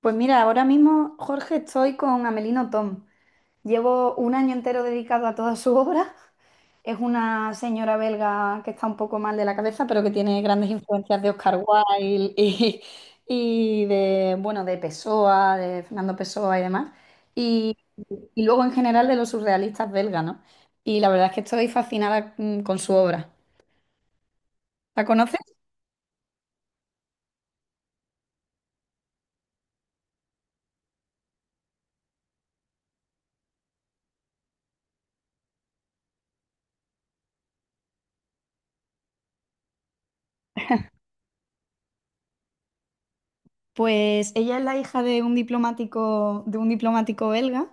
Pues mira, ahora mismo, Jorge, estoy con Amelino Tom. Llevo un año entero dedicado a toda su obra. Es una señora belga que está un poco mal de la cabeza, pero que tiene grandes influencias de Oscar Wilde y de Pessoa, de Fernando Pessoa y demás. Y, y luego en general de los surrealistas belgas, ¿no? Y la verdad es que estoy fascinada con su obra. ¿La conoces? Pues ella es la hija de un diplomático belga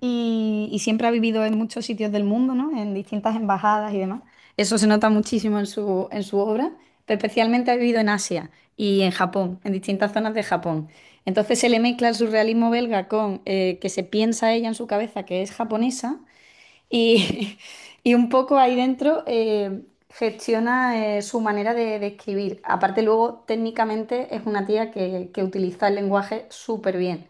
y siempre ha vivido en muchos sitios del mundo, ¿no? En distintas embajadas y demás. Eso se nota muchísimo en su obra, pero especialmente ha vivido en Asia y en Japón, en distintas zonas de Japón. Entonces se le mezcla el surrealismo belga con que se piensa ella en su cabeza que es japonesa y, y un poco ahí dentro gestiona su manera de escribir. Aparte, luego técnicamente es una tía que utiliza el lenguaje súper bien.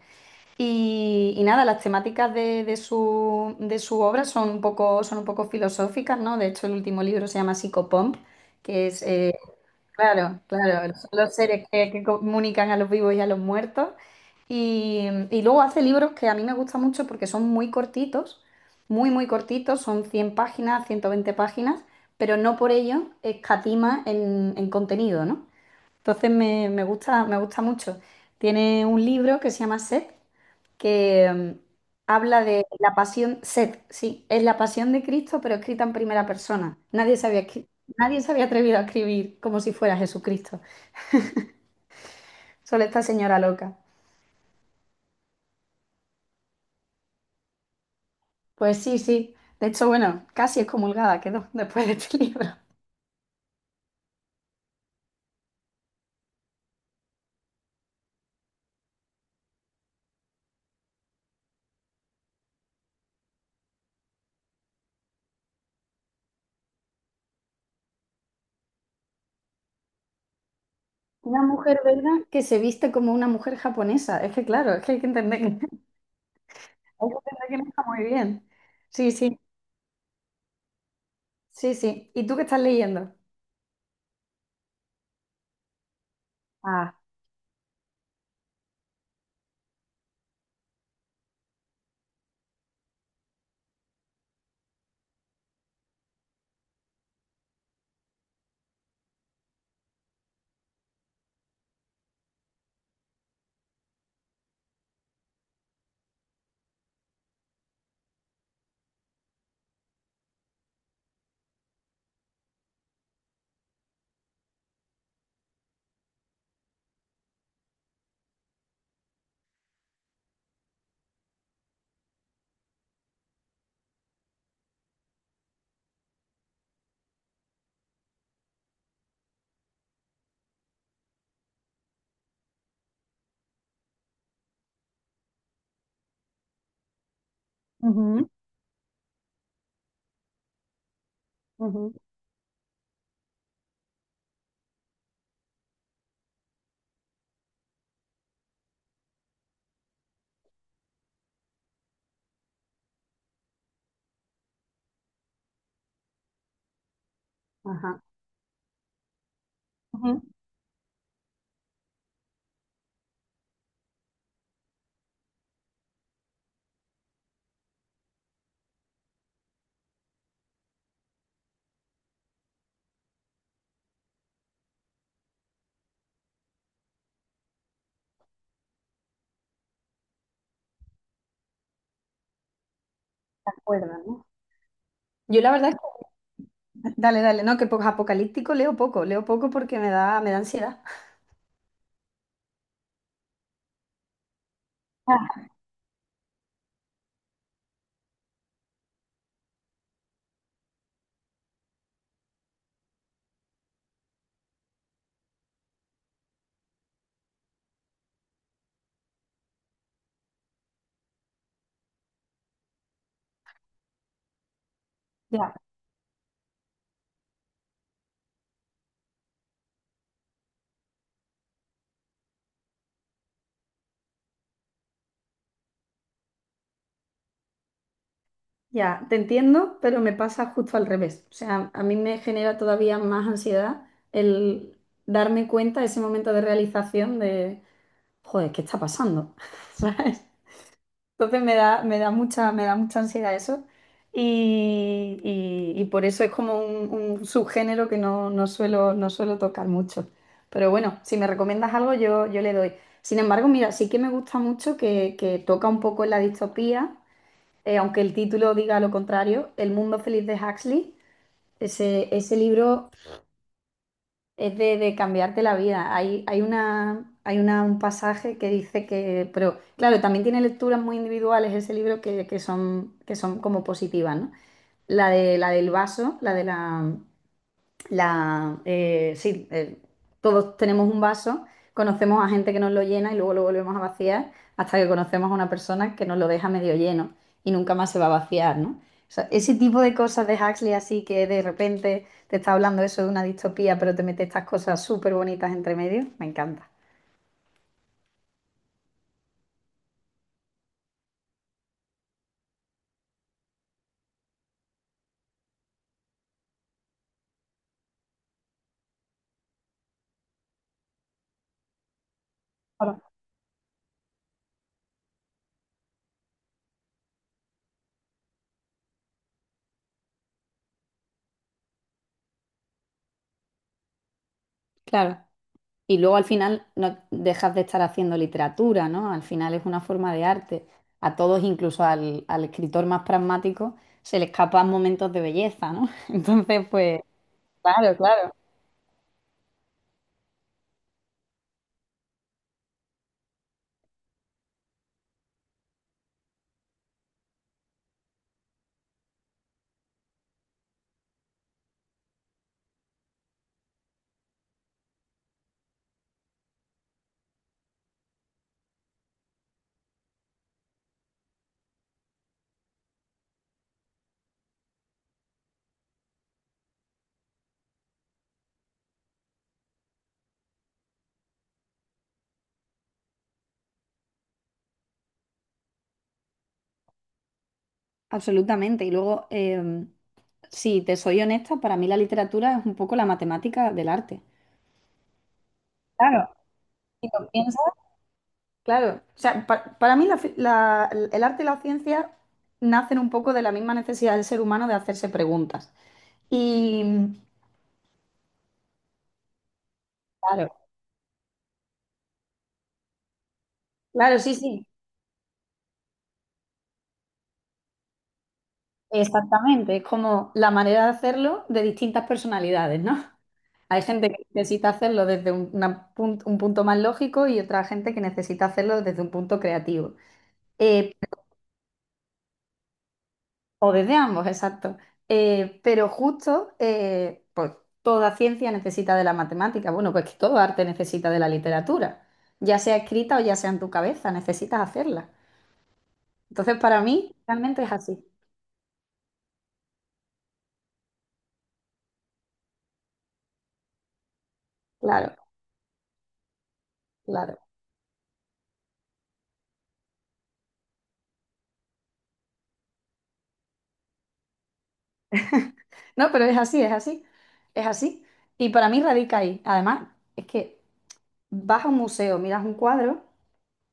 Y nada, las temáticas de su obra son un poco filosóficas, ¿no? De hecho, el último libro se llama Psicopomp, que es claro, claro, son los seres que comunican a los vivos y a los muertos. Y luego hace libros que a mí me gustan mucho porque son muy cortitos, muy cortitos, son 100 páginas, 120 páginas, pero no por ello escatima en contenido, ¿no? Entonces me gusta mucho. Tiene un libro que se llama Set, que habla de la pasión, sed, sí, es la pasión de Cristo, pero escrita en primera persona. Nadie se había atrevido a escribir como si fuera Jesucristo, solo esta señora loca. Pues sí, sí, de hecho, bueno, casi excomulgada quedó después de este libro. Una mujer, ¿verdad?, que se viste como una mujer japonesa. Es que claro, es que hay que entender que, hay que entender que no está muy bien. Sí, sí, sí, sí. ¿Y tú qué estás leyendo? Ah, ujú, ujú, ajá, ujú. ¿Te acuerdas, no? Yo la verdad dale, dale, no, apocalíptico leo poco porque me da ansiedad. Ah, ya, ya, te entiendo, pero me pasa justo al revés. O sea, a mí me genera todavía más ansiedad el darme cuenta, ese momento de realización de, joder, ¿qué está pasando? ¿Sabes? Entonces me da mucha ansiedad eso. Y por eso es como un subgénero que no, no suelo, no suelo tocar mucho. Pero bueno, si me recomiendas algo, yo le doy. Sin embargo, mira, sí que me gusta mucho que toca un poco en la distopía, aunque el título diga lo contrario, El mundo feliz de Huxley. Ese libro es de cambiarte la vida. Hay un pasaje que dice que, pero claro, también tiene lecturas muy individuales ese libro que son como positivas, ¿no? La de, la del vaso, la de la, la, sí, todos tenemos un vaso, conocemos a gente que nos lo llena y luego lo volvemos a vaciar hasta que conocemos a una persona que nos lo deja medio lleno y nunca más se va a vaciar, ¿no? O sea, ese tipo de cosas de Huxley así que de repente te está hablando eso de una distopía, pero te mete estas cosas súper bonitas entre medio, me encanta. Claro. Claro. Y luego al final no dejas de estar haciendo literatura, ¿no? Al final es una forma de arte. A todos, incluso al escritor más pragmático, se le escapan momentos de belleza, ¿no? Entonces, pues, claro, claro. Absolutamente. Y luego, si te soy honesta, para mí la literatura es un poco la matemática del arte. Claro, si lo piensas, claro. O sea, para mí el arte y la ciencia nacen un poco de la misma necesidad del ser humano de hacerse preguntas. Y, claro. Claro, sí, sí, exactamente. Es como la manera de hacerlo de distintas personalidades, ¿no? Hay gente que necesita hacerlo desde un punto más lógico y otra gente que necesita hacerlo desde un punto creativo. Eh, o desde ambos, exacto. Pero justo, pues toda ciencia necesita de la matemática. Bueno, pues que todo arte necesita de la literatura, ya sea escrita o ya sea en tu cabeza, necesitas hacerla. Entonces, para mí, realmente es así. Claro, claro. No, pero es así, es así, es así. Y para mí radica ahí. Además, es que vas a un museo, miras un cuadro,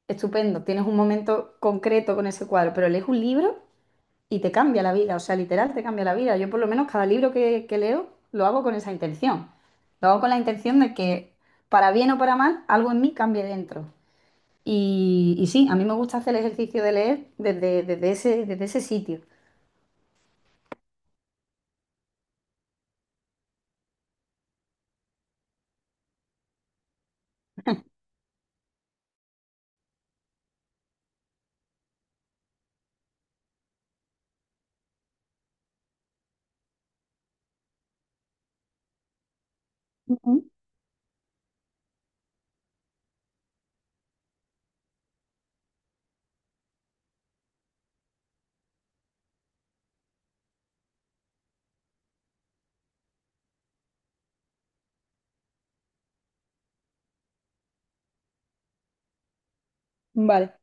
estupendo, tienes un momento concreto con ese cuadro, pero lees un libro y te cambia la vida, o sea, literal te cambia la vida. Yo por lo menos cada libro que leo lo hago con esa intención. Lo hago con la intención de que, para bien o para mal, algo en mí cambie dentro. Y sí, a mí me gusta hacer el ejercicio de leer desde, desde ese sitio. Ujú, vale.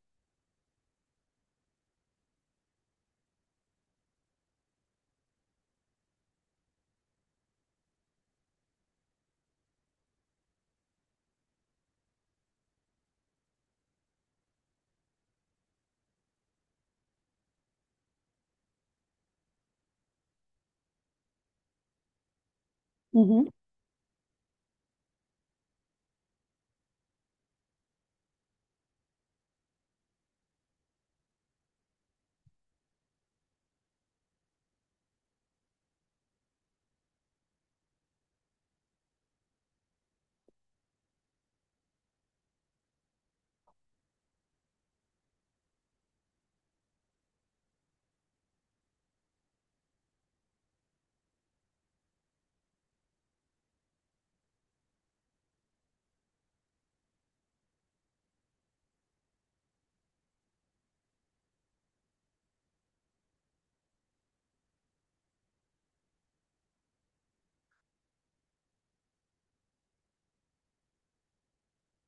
Ujú,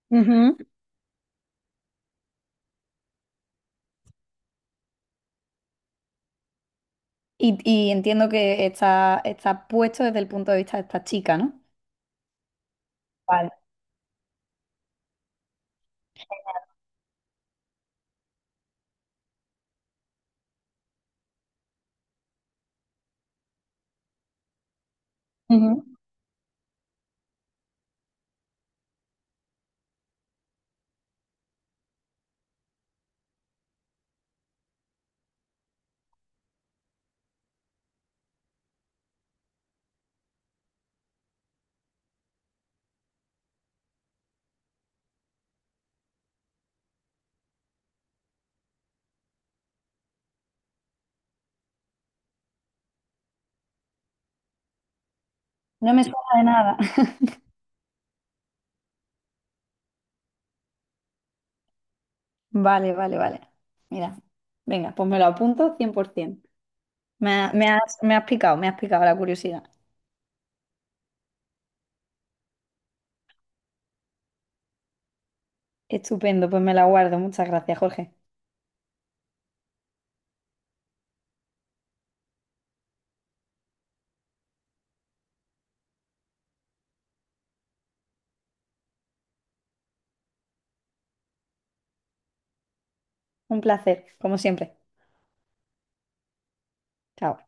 ujú. Y entiendo que está, está puesto desde el punto de vista de esta chica, ¿no? Vale. Ujú. No me suena de nada. Vale, vale, vale. Mira, venga, pues me lo apunto 100%. Me has picado la curiosidad. Estupendo, pues me la guardo. Muchas gracias, Jorge. Un placer, como siempre. Chao.